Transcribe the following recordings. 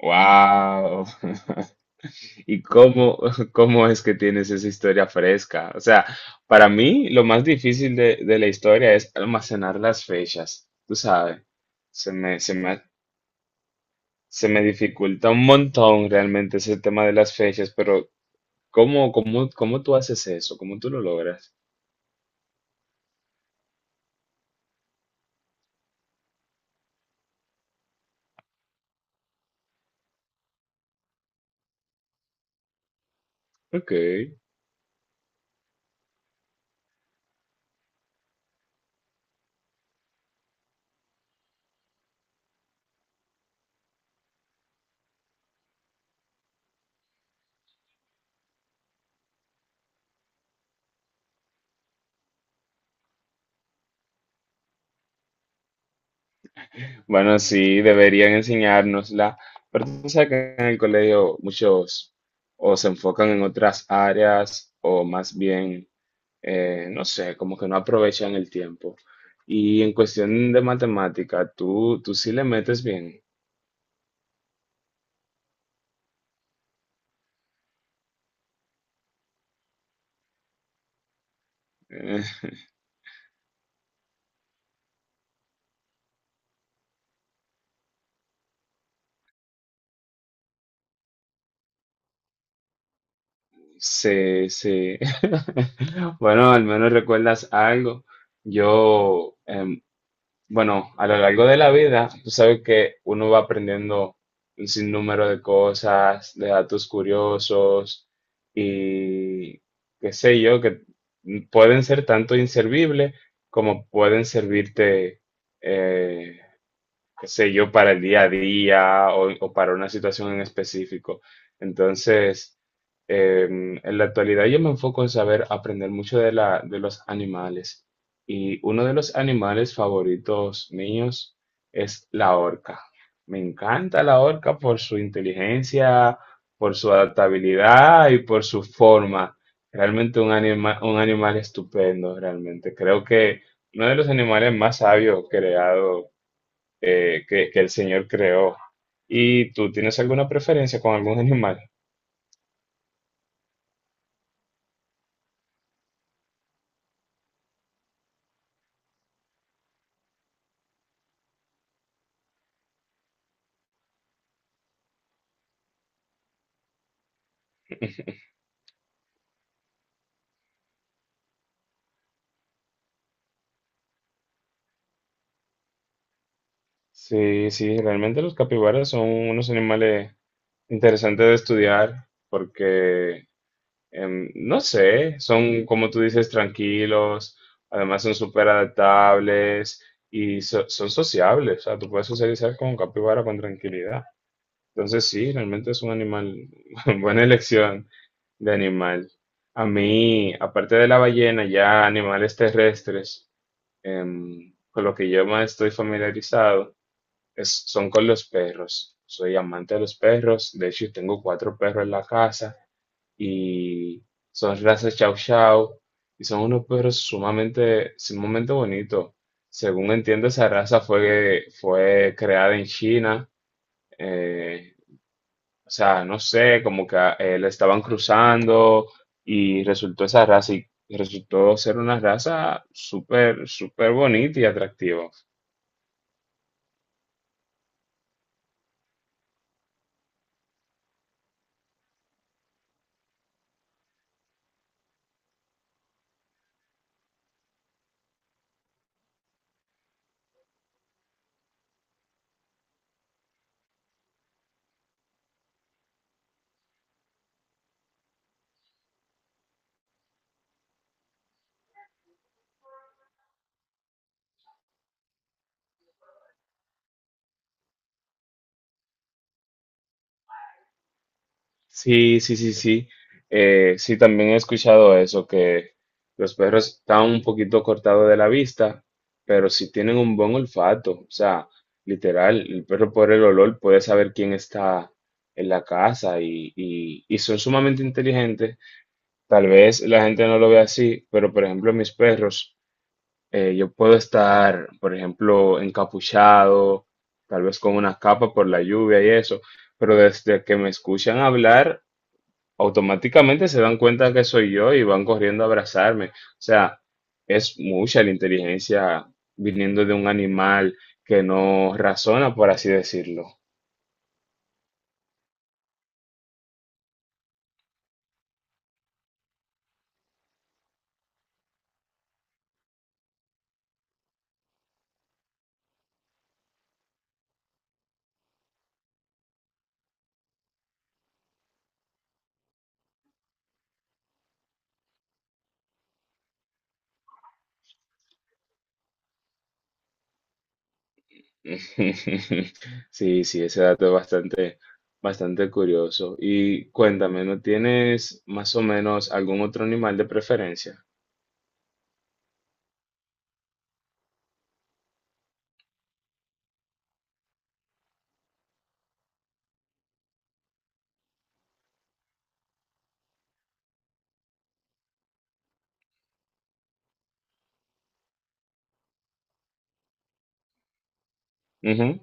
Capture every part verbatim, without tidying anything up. Wow. ¿Y cómo, cómo es que tienes esa historia fresca? O sea, para mí lo más difícil de, de la historia es almacenar las fechas. Tú sabes, se me, se me, se me dificulta un montón realmente ese tema de las fechas, pero ¿cómo, cómo, cómo tú haces eso? ¿Cómo tú lo logras? Ok. Bueno, sí, deberían enseñárnosla, pero tú sabes que en el colegio muchos o se enfocan en otras áreas o más bien eh, no sé, como que no aprovechan el tiempo. Y en cuestión de matemática, tú, tú sí le metes bien. Eh, sí se- Bueno, al menos recuerdas algo. Yo, em, bueno, a lo largo de la vida, tú sabes que uno va aprendiendo un sinnúmero de cosas, de datos curiosos y qué sé yo, que pueden ser tanto inservibles como pueden servirte eh, qué sé yo, para el día a día o, o para una situación en específico. Entonces, eh, en la actualidad yo me enfoco en saber aprender mucho de la, de los animales. Y uno de los animales favoritos míos es la orca. Me encanta la orca por su inteligencia, por su adaptabilidad y por su forma. Realmente un anima- un animal estupendo, realmente. Creo que uno de los animales más sabios creados eh, que, que el Señor creó. ¿Y tú tienes alguna preferencia con algún animal? Sí, sí, realmente los capibaras son unos animales interesantes de estudiar porque, em, no sé, son, como tú dices, tranquilos, además son súper adaptables y so- son sociables, o sea, tú puedes socializar con un capibara con tranquilidad. Entonces sí, realmente es un animal, buena elección de animal. A mí, aparte de la ballena, ya animales terrestres, em, con lo que yo más estoy familiarizado es- son con los perros. Soy amante de los perros, de hecho tengo cuatro perros en la casa y son razas Chow Chow y son unos perros sumamente, sumamente bonitos. Según entiendo, esa raza fue, fue creada en China eh, o sea, no sé, como que eh, la estaban cruzando y resultó esa raza y resultó ser una raza súper, súper bonita y atractiva. Sí, sí, sí, sí. Eh, sí, también he escuchado eso, que los perros están un poquito cortados de la vista, pero sí tienen un buen olfato. O sea, literal, el perro por el olor puede saber quién está en la casa y, y y son sumamente inteligentes. Tal vez la gente no lo ve así, pero por ejemplo mis perros, eh, yo puedo estar, por ejemplo, encapuchado, tal vez con una capa por la lluvia y eso, pero desde que me escuchan hablar, automáticamente se dan cuenta que soy yo y van corriendo a abrazarme. O sea, es mucha la inteligencia viniendo de un animal que no razona, por así decirlo. Sí, sí, ese dato es bastante. Bastante curioso. Y cuéntame, ¿no tienes más o menos algún otro animal de preferencia? Ujú.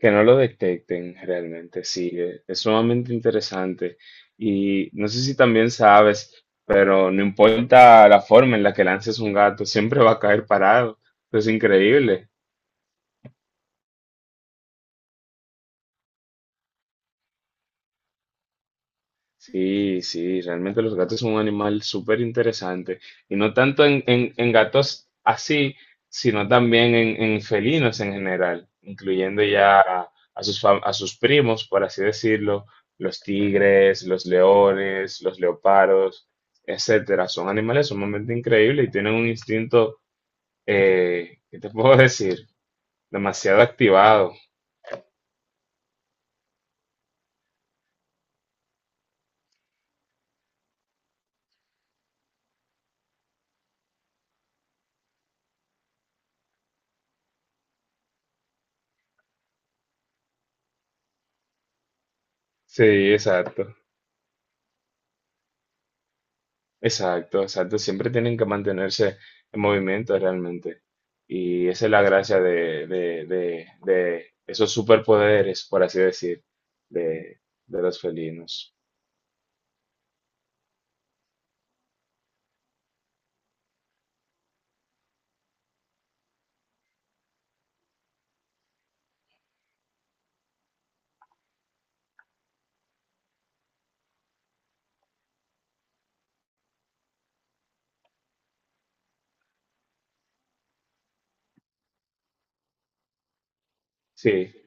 Que no lo detecten realmente, sí, eh, es sumamente interesante. Y no sé si también sabes, pero no importa la forma en la que lances un gato, siempre va a caer parado. Es increíble. Sí, sí, realmente los gatos son un animal súper interesante. Y no tanto en, en- en gatos así, sino también en, en felinos en general, incluyendo ya a, a sus, fam- a sus primos, por así decirlo, los tigres, los leones, los leopardos, etcétera. Son animales sumamente increíbles y tienen un instinto, eh, ¿qué te puedo decir? Demasiado activado. Sí, exacto. Exacto, exacto. Siempre tienen que mantenerse en movimiento realmente. Y esa es la gracia de, de, de, de esos superpoderes, por así decir, de, de los felinos. Sí.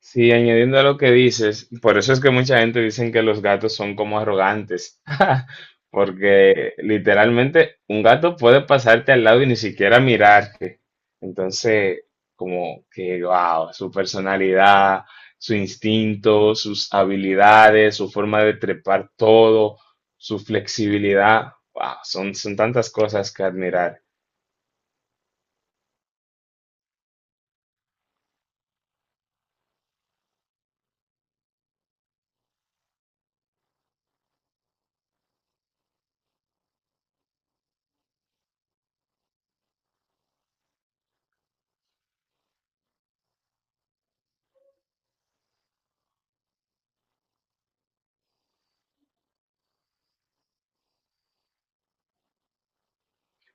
Sí, añadiendo a lo que dices, por eso es que mucha gente dicen que los gatos son como arrogantes, porque literalmente un gato puede pasarte al lado y ni siquiera mirarte. Entonces, como que, wow, su personalidad, su instinto, sus habilidades, su forma de trepar todo, su flexibilidad, wow, son, son tantas cosas que admirar.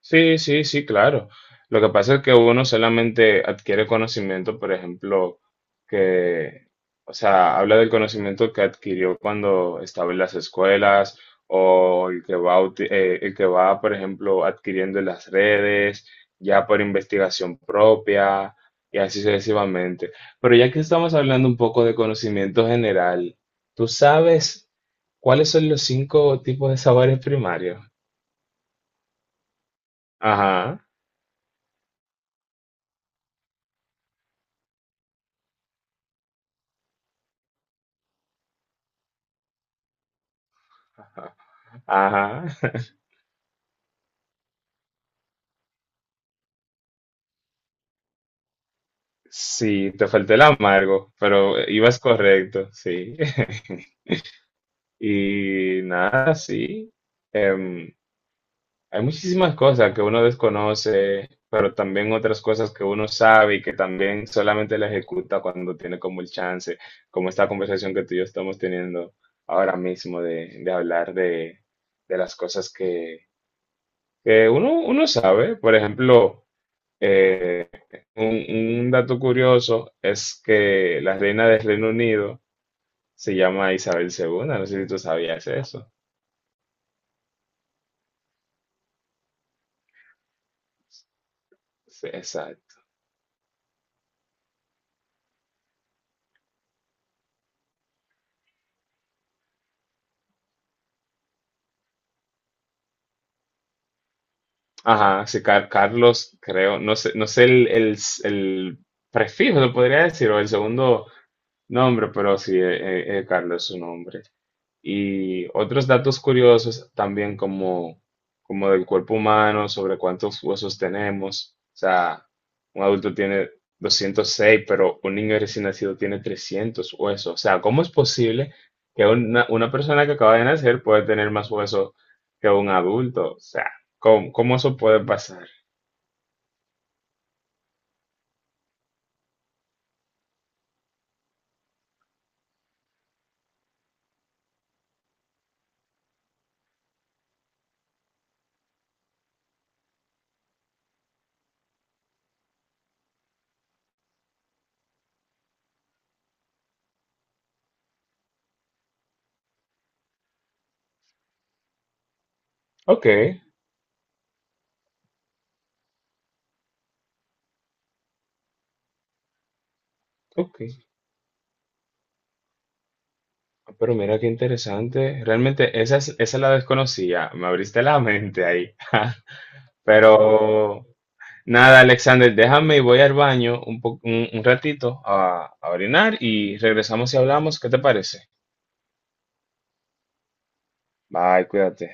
Sí, sí, sí, claro. Lo que pasa es que uno solamente adquiere conocimiento, por ejemplo, que, o sea, habla del conocimiento que adquirió cuando estaba en las escuelas o el que va, uti- eh, el que va, por ejemplo, adquiriendo en las redes, ya por investigación propia y así sucesivamente. Pero ya que estamos hablando un poco de conocimiento general, ¿tú sabes cuáles son los cinco tipos de sabores primarios? Ajá. Ajá, sí, te faltó el amargo, pero ibas correcto, sí. Y nada, sí. Em, hay muchísimas cosas que uno desconoce, pero también otras cosas que uno sabe y que también solamente la ejecuta cuando tiene como el chance, como esta conversación que tú y yo estamos teniendo ahora mismo de, de hablar de, de las cosas que, que uno, uno sabe. Por ejemplo, Un, un dato curioso es que la reina del Reino Unido se llama Isabel segunda. No sé si tú sabías eso. Sí, exacto. Ajá, sí, Car- Carlos, creo, no sé, no sé el, el- el prefijo, lo podría decir, o el segundo nombre, pero sí, eh, eh, Carlos es su nombre. Y otros datos curiosos también como, como del cuerpo humano, sobre cuántos huesos tenemos. O sea, un adulto tiene doscientos seis, pero un niño recién nacido tiene trescientos huesos. O sea, ¿cómo es posible que una, una persona que acaba de nacer puede tener más huesos que un adulto? O sea, ¿cómo, cómo eso puede pasar? Ok, ok. Pero mira qué interesante. Realmente esa, es- esa la desconocía. Me abriste la mente ahí. Pero nada, Alexander, déjame y voy al baño un, po- un, un ratito a, a orinar y regresamos y hablamos. ¿Qué te parece? Bye, cuídate.